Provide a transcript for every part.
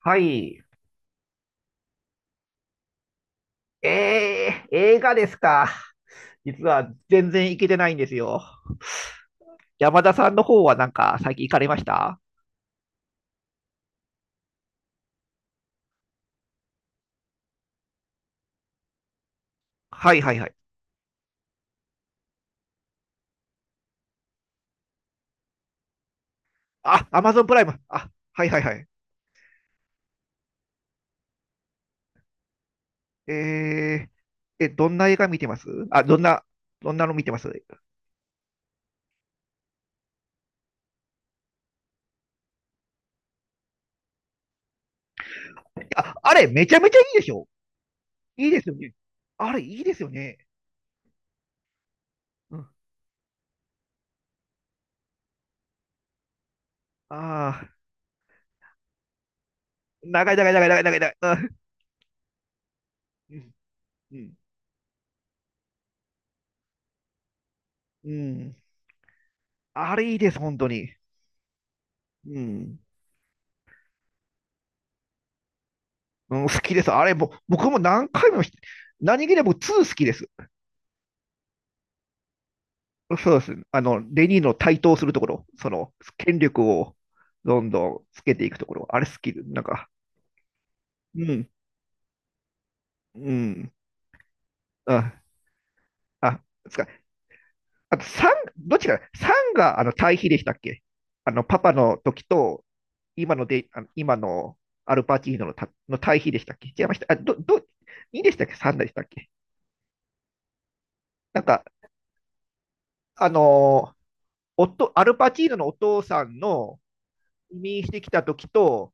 はい。映画ですか。実は全然行けてないんですよ。山田さんの方はなんか最近行かれました？はいはいはい。あ、アマゾンプライム。あ、はいはいはい。えどんな映画見てます？あ、どんなの見てます？あ、あれ、めちゃめちゃいいでしょ？いいですよね。あれ、いいですよね。うん。ああ、長い長い長い長い長い長い。うん。うん。うん。あれ、いいです、本当に。うん。うん、好きです。あれ、僕も何回も、何気にもツー好きです。そうです。あの、レニーの台頭するところ、その、権力をどんどんつけていくところ、あれ好きで、なんか、うん、うん、あ、あ、つか、あと3、どっちかな、さんがあの対比でしたっけ？あの、パパの時と、今ので、あの今のアルパチーノのたの対比でしたっけ？違いました。あ、2でしたっけ ?3 でしたっけ？なんか、あのー、夫、アルパチーノのお父さんの、移民してきた時と、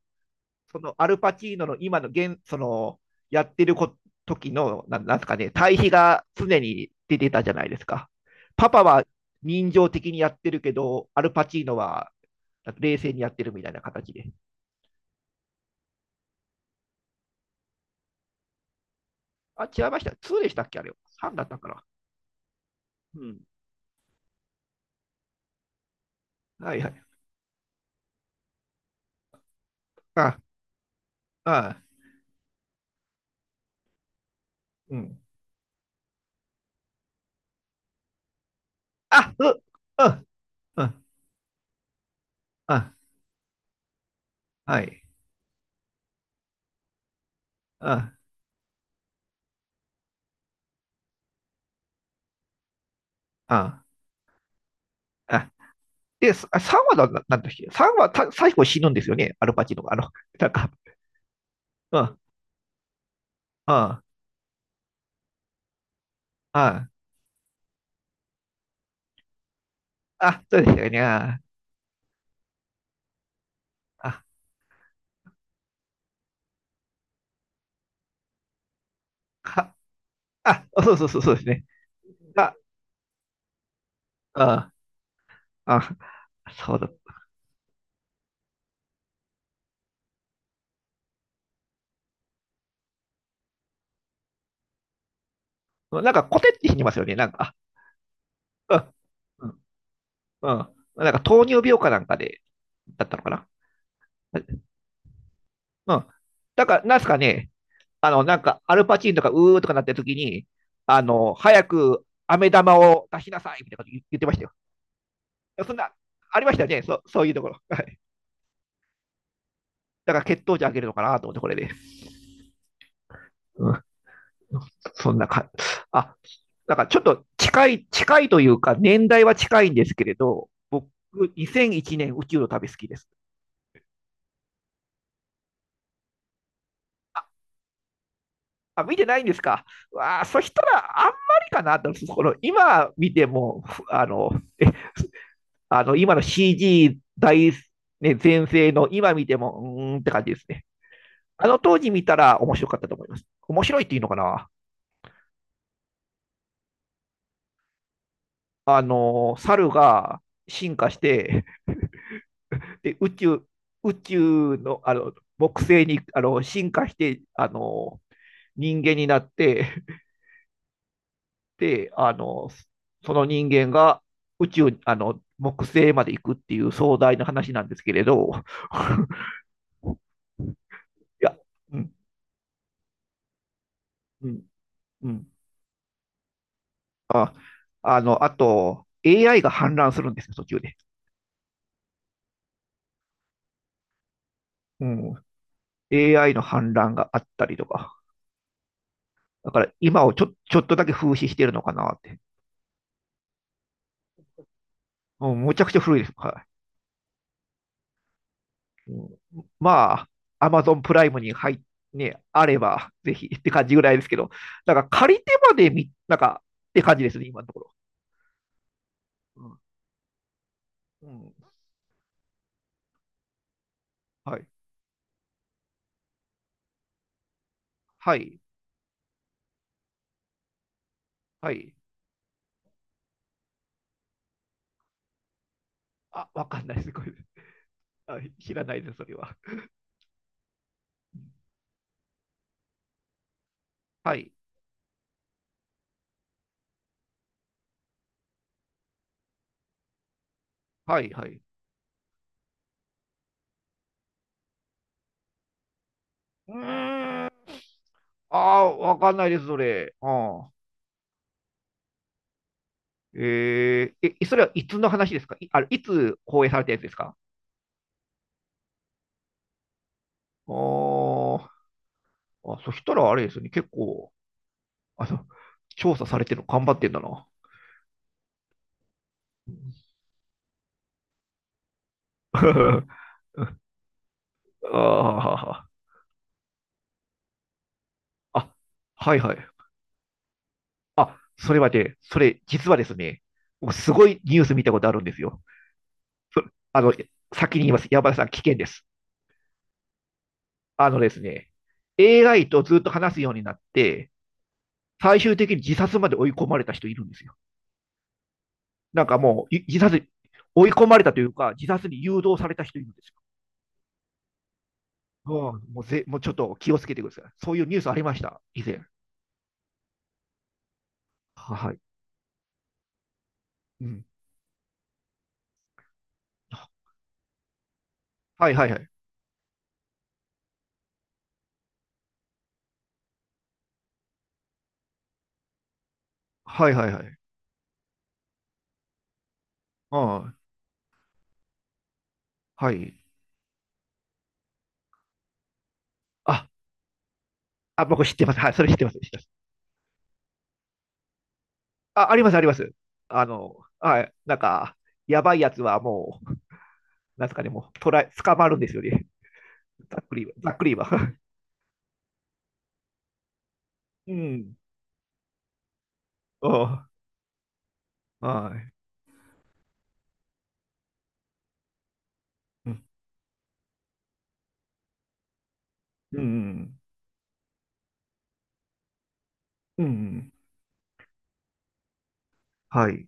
そのアルパチーノの今の現、そのやってるこ時の、なんですかね、対比が常に出てたじゃないですか。パパは人情的にやってるけど、アルパチーノは冷静にやってるみたいな形で。あ、違いました。2でしたっけあれ？3だったから。うん。はいはい。あ、あ、うん。あ、う、うん、うん、あ、はい。あ、あ、あ。で、3話だ、なんっけ ?3 話最後死ぬんですよね、アルパチーノが。あの、なんか、うん、うん、あ、そうでしたよね。あ、あ、か、あ、そうそうそう、そうですね。あ、あ、あ、そうだ。なんか、コテって死にますよね。なんか、あうん、うん、うん。なんか、糖尿病かなんかで、だったのかな。うん。だから、なんすかね、あの、なんか、アルパチーンとか、うーとかなってる時に、あの、早く、飴玉を出しなさいみたいなこと言ってましたよ。そんな、ありましたよね、そういうところ。はい。だから血糖値上げるのかなと思って、これで。うん。そんなか、あ、だからちょっと近い、近いというか、年代は近いんですけれど、僕、2001年宇宙の旅好きです。あ、見てないんですか？わあ、そしたらあんまりかなと、この今見ても、あの、えあの今の CG 大、ね、全盛の今見ても、うーんって感じですね。あの当時見たら面白かったと思います。面白いっていうのかな？あの、猿が進化して、で宇宙、宇宙の、あの、木星にあの進化して、あの、人間になって、で、あの、その人間が宇宙、あの、木星まで行くっていう壮大な話なんですけれど、いや、うん、うん、うん。あ、あの、あと、AI が氾濫するんですよ、途中で。うん。AI の氾濫があったりとか。だから今をちょっとだけ風刺してるのかなって。もうむちゃくちゃ古いです。はい。うん、まあ、アマゾンプライムに入っね、あれば、ぜひって感じぐらいですけど、なんか借りてまでみ、なんかって感じですね、今のところ。うん。うん、はい。はい。はい。あ、わかんないです、これ。はい、知らないです、それは。はい。はい、はい。うーん。ああ、わかんないです、それ。うん。それはいつの話ですかい、あれ、いつ放映されたやつですか？あーあ、そしたらあれですよね、結構、あの、調査されてるの頑張ってんだな。あーあ、はいはい。あ、それはね、それ、実はですね、僕すごいニュース見たことあるんですよ。そあの、先に言います。山田さん、危険です。あのですね、AI とずっと話すようになって、最終的に自殺まで追い込まれた人いるんですよ。なんかもう、い自殺、追い込まれたというか、自殺に誘導された人いるんですよ。うん、もうぜ、もうちょっと気をつけてください。そういうニュースありました、以前。はい。うん。はいはいはい。はいはいはい。ああ、はい。あ、あ、僕知ってます。はい、それ知ってます。知ってます。あ、あります、あります。あの、はい、なんか、やばいやつはもう、なんすかね、もう、捕らえ、捕まるんですよね。ざっくりは、ざっくりは。うん。ああ、はい。うん、うん、うん。はい。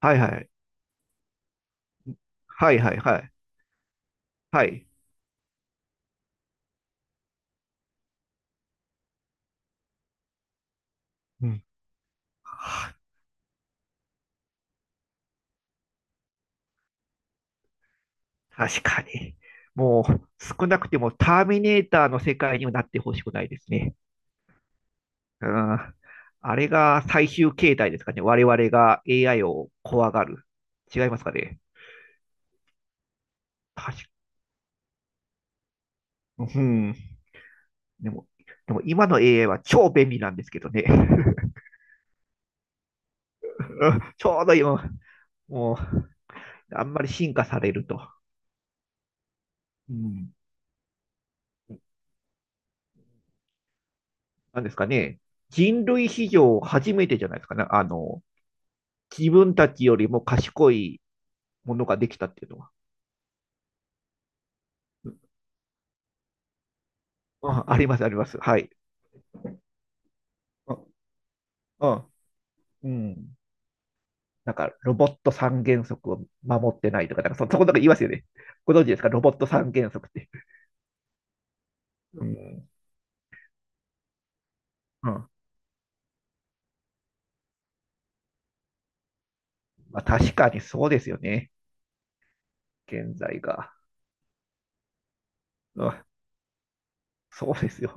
はい、はい。はい、はい、はい。はい。うん。はあ確かに。もう、少なくてもターミネーターの世界にはなってほしくないですね。うん。あれが最終形態ですかね。我々が AI を怖がる。違いますかね。確か、うん。でも、でも今の AI は超便利なんですけどね。ちょうど今、もう、あんまり進化されると。うん。なんですかね。人類史上初めてじゃないですかね。あの、自分たちよりも賢いものができたっていうのは。うんああります、あります。はい。あ、あ、うん。なんか、ロボット三原則を守ってないとか、なんかそこなんか言いますよね。ご存知ですか？ロボット三原則って。うんうん。まあ、確かにそうですよね。現在が。うん。そうですよ。